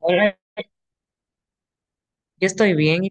Hola, yo estoy bien, y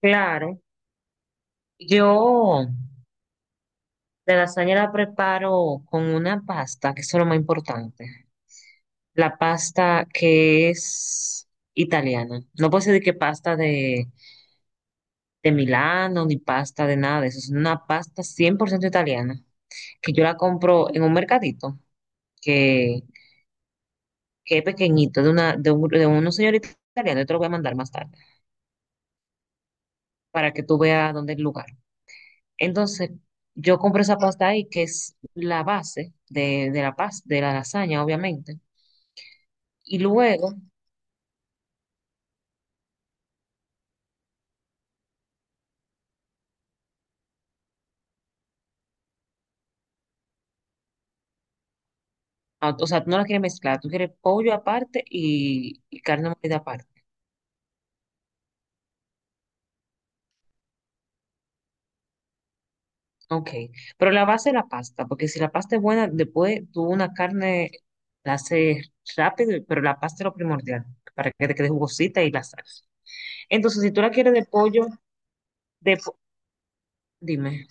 claro. Yo la lasaña la preparo con una pasta, que eso es lo más importante. La pasta que es italiana. No puedo decir que pasta de Milano ni pasta de nada de eso. Es una pasta 100% italiana, que yo la compro en un mercadito que, que es pequeñito, de, una, de, un, de unos señoritos italianos. Yo te lo voy a mandar más tarde para que tú veas dónde es el lugar. Entonces, yo compro esa pasta ahí, que es la base de la pasta, de la lasaña, obviamente. Y luego, ah, o sea, tú no la quieres mezclar, tú quieres pollo aparte y carne molida aparte. Ok, pero la base es la pasta, porque si la pasta es buena, después tú una carne la haces rápido, pero la pasta es lo primordial, para que te quede jugosita y la salsa. Entonces, si tú la quieres de pollo, de po- dime.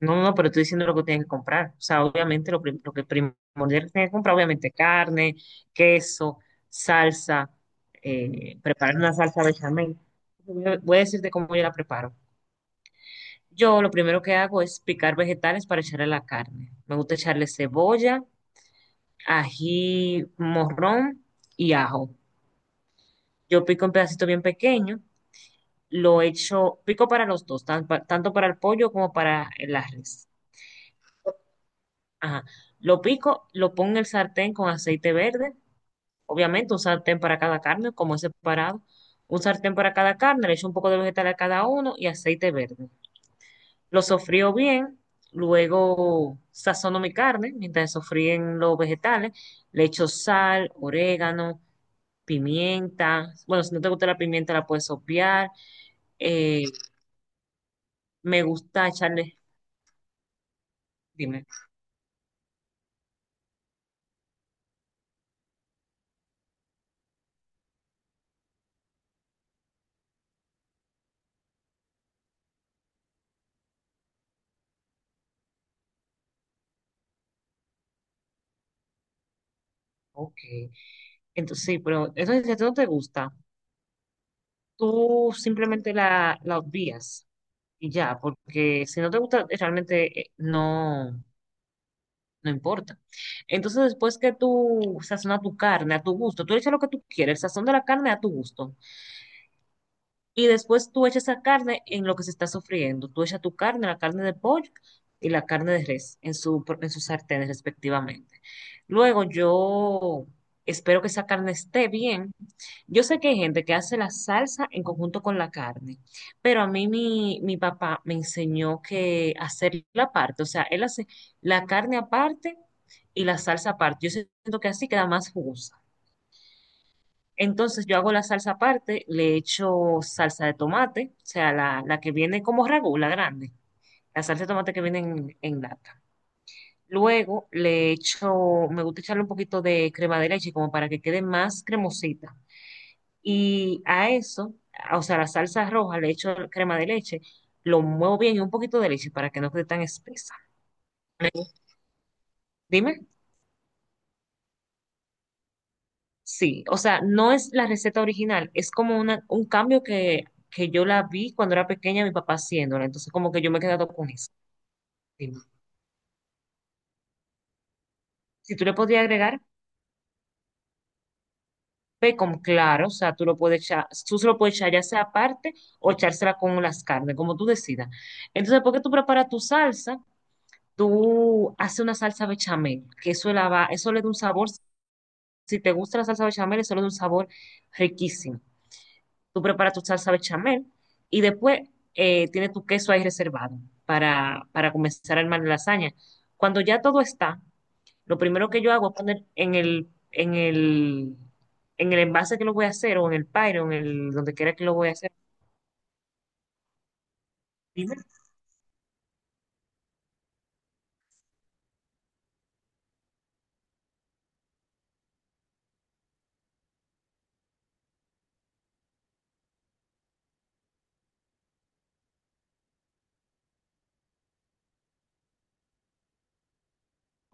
No, no, no, pero estoy diciendo lo que tienen que comprar. O sea, obviamente lo que primordial que tienen que comprar, obviamente carne, queso, salsa, preparar una salsa bechamel. Voy a decirte cómo yo la preparo. Yo lo primero que hago es picar vegetales para echarle la carne. Me gusta echarle cebolla, ají morrón y ajo. Yo pico en pedacitos bien pequeños, lo echo, pico para los dos, tanto para el pollo como para la res. Ajá. Lo pico, lo pongo en el sartén con aceite verde, obviamente un sartén para cada carne, como es separado. Un sartén para cada carne, le echo un poco de vegetal a cada uno y aceite verde. Lo sofrío bien, luego sazono mi carne, mientras sofríen los vegetales, le echo sal, orégano, pimienta. Bueno, si no te gusta la pimienta la puedes obviar. Eh, Me gusta echarle, dime, ok. Entonces, sí, pero eso es si a ti no te gusta. Tú simplemente la obvias y ya, porque si no te gusta, realmente no, no importa. Entonces, después que tú sazonas tu carne a tu gusto, tú le echas lo que tú quieres, el sazón de la carne a tu gusto. Y después tú echas esa carne en lo que se está sofriendo. Tú echas tu carne, la carne de pollo y la carne de res en en sus sartenes respectivamente. Luego yo espero que esa carne esté bien. Yo sé que hay gente que hace la salsa en conjunto con la carne, pero a mí mi papá me enseñó que hacer la parte, o sea, él hace la carne aparte y la salsa aparte. Yo siento que así queda más jugosa. Entonces yo hago la salsa aparte, le echo salsa de tomate, o sea, la que viene como ragú, la grande, la salsa de tomate que viene en lata. Luego le echo, me gusta echarle un poquito de crema de leche como para que quede más cremosita. Y a eso, o sea, la salsa roja le echo crema de leche, lo muevo bien y un poquito de leche para que no quede tan espesa. Dime. Sí, o sea, no es la receta original, es como una, un cambio que yo la vi cuando era pequeña, mi papá haciéndola, entonces como que yo me he quedado con eso. Dime. Si tú le podías agregar bacon, claro, o sea, tú lo puedes echar, tú se lo puedes echar ya sea aparte o echársela con las carnes, como tú decidas. Entonces, ¿por qué tú preparas tu salsa? Tú haces una salsa bechamel, que eso, la va, eso le da un sabor, si te gusta la salsa bechamel, eso le da un sabor riquísimo. Tú preparas tu salsa bechamel y después tienes tu queso ahí reservado para comenzar a armar la lasaña. Cuando ya todo está, lo primero que yo hago es poner en el envase que lo voy a hacer o en el pyro, en el donde quiera que lo voy a hacer.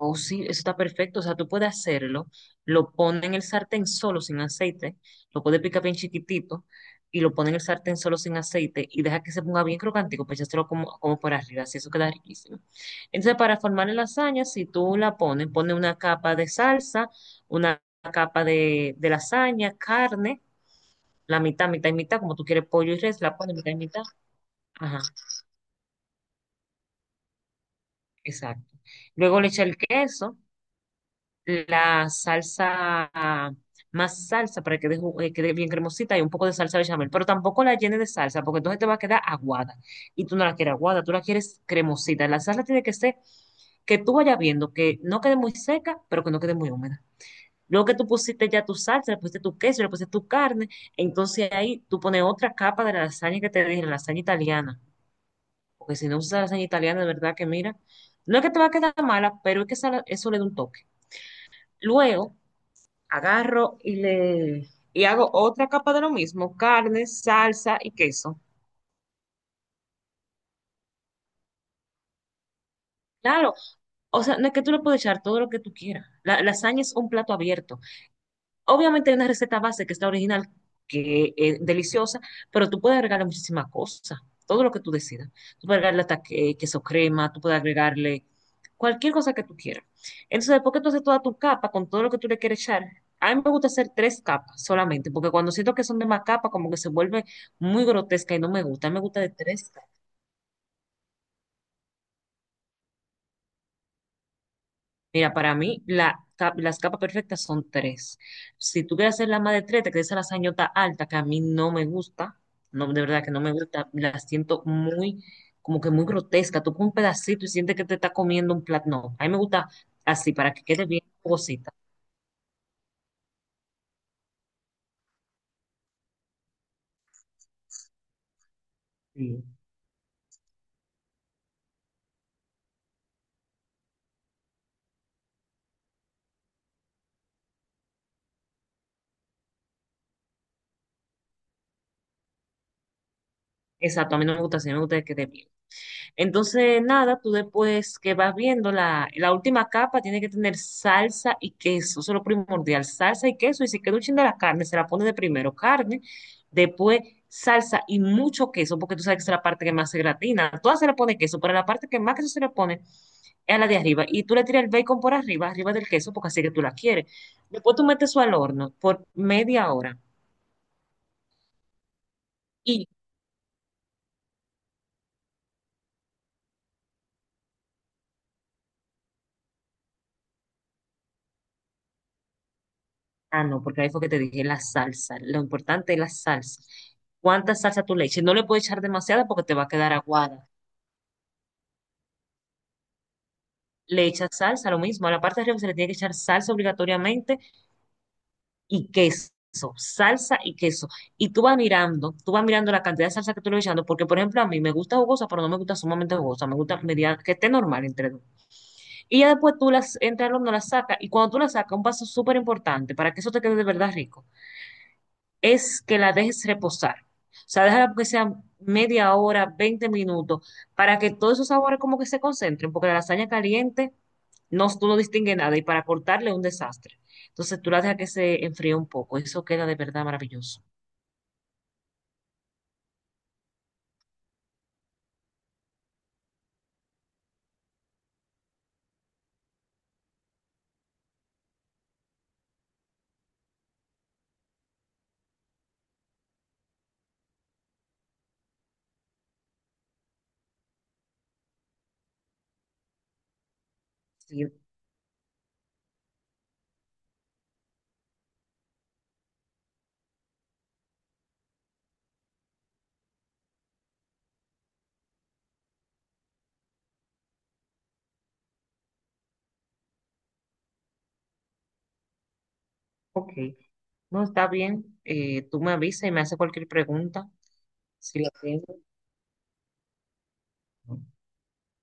Oh, sí, eso está perfecto. O sea, tú puedes hacerlo, lo pones en el sartén solo sin aceite, lo puedes picar bien chiquitito y lo pones en el sartén solo sin aceite y deja que se ponga bien crocantico, pues echárselo como, como por arriba, así eso queda riquísimo. Entonces, para formar la lasaña, si tú la pones, pones una capa de salsa, una capa de lasaña, carne, la mitad, mitad y mitad, como tú quieres pollo y res, la pones mitad y mitad. Ajá, exacto. Luego le echa el queso la salsa, ah, más salsa para que quede bien cremosita y un poco de salsa bechamel, pero tampoco la llene de salsa porque entonces te va a quedar aguada y tú no la quieres aguada, tú la quieres cremosita. La salsa tiene que ser que tú vayas viendo que no quede muy seca, pero que no quede muy húmeda. Luego que tú pusiste ya tu salsa, le pusiste tu queso, le pusiste tu carne, entonces ahí tú pones otra capa de la lasaña que te dije, la lasaña italiana, porque si no usas lasaña italiana, de verdad que mira, no es que te va a quedar mala, pero es que eso le da un toque. Luego, agarro y hago otra capa de lo mismo, carne, salsa y queso. Claro, o sea, no es que tú le puedes echar todo lo que tú quieras. La lasaña es un plato abierto. Obviamente hay una receta base que está original, que es deliciosa, pero tú puedes agregarle muchísimas cosas, todo lo que tú decidas. Tú puedes agregarle queso crema, tú puedes agregarle cualquier cosa que tú quieras. Entonces, después que tú haces toda tu capa con todo lo que tú le quieres echar, a mí me gusta hacer tres capas solamente, porque cuando siento que son de más capas, como que se vuelve muy grotesca y no me gusta. A mí me gusta de tres. Mira, para mí las capas perfectas son tres. Si tú quieres hacer la más de tres, te quedas a la sañota alta, que a mí no me gusta, no, de verdad que no me gusta, la siento muy, como que muy grotesca. Tú con un pedacito y sientes que te está comiendo un plato. No, a mí me gusta así, para que quede bien jugosita. Sí. Exacto, a mí no me gusta así, a mí me gusta que quede bien. Entonces, nada, tú después que vas viendo, la última capa tiene que tener salsa y queso, eso es lo primordial, salsa y queso, y si queda un chin de la carne, se la pone de primero carne, después salsa y mucho queso, porque tú sabes que esa es la parte que más se gratina, a todas se le pone queso, pero la parte que más queso se le pone es a la de arriba, y tú le tiras el bacon por arriba, arriba del queso, porque así que tú la quieres. Después tú metes eso al horno por media hora. Ah, no, porque ahí fue que te dije la salsa. Lo importante es la salsa. ¿Cuánta salsa tú le eches? No le puedes echar demasiada porque te va a quedar aguada. Le echas salsa, lo mismo. A la parte de arriba se le tiene que echar salsa obligatoriamente y queso. Salsa y queso. Y tú vas mirando la cantidad de salsa que tú le vas echando, porque por ejemplo a mí me gusta jugosa, pero no me gusta sumamente jugosa. Me gusta media, que esté normal entre dos. Y ya después tú las entras al horno, las sacas. Y cuando tú las sacas, un paso súper importante para que eso te quede de verdad rico es que la dejes reposar. O sea, déjala que sea media hora, 20 minutos, para que todos esos sabores como que se concentren, porque la lasaña caliente no, tú no distingue nada y para cortarle es un desastre. Entonces tú la dejas que se enfríe un poco, eso queda de verdad maravilloso. Sí, ok, no está bien, tú me avisas y me haces cualquier pregunta, si la tienes.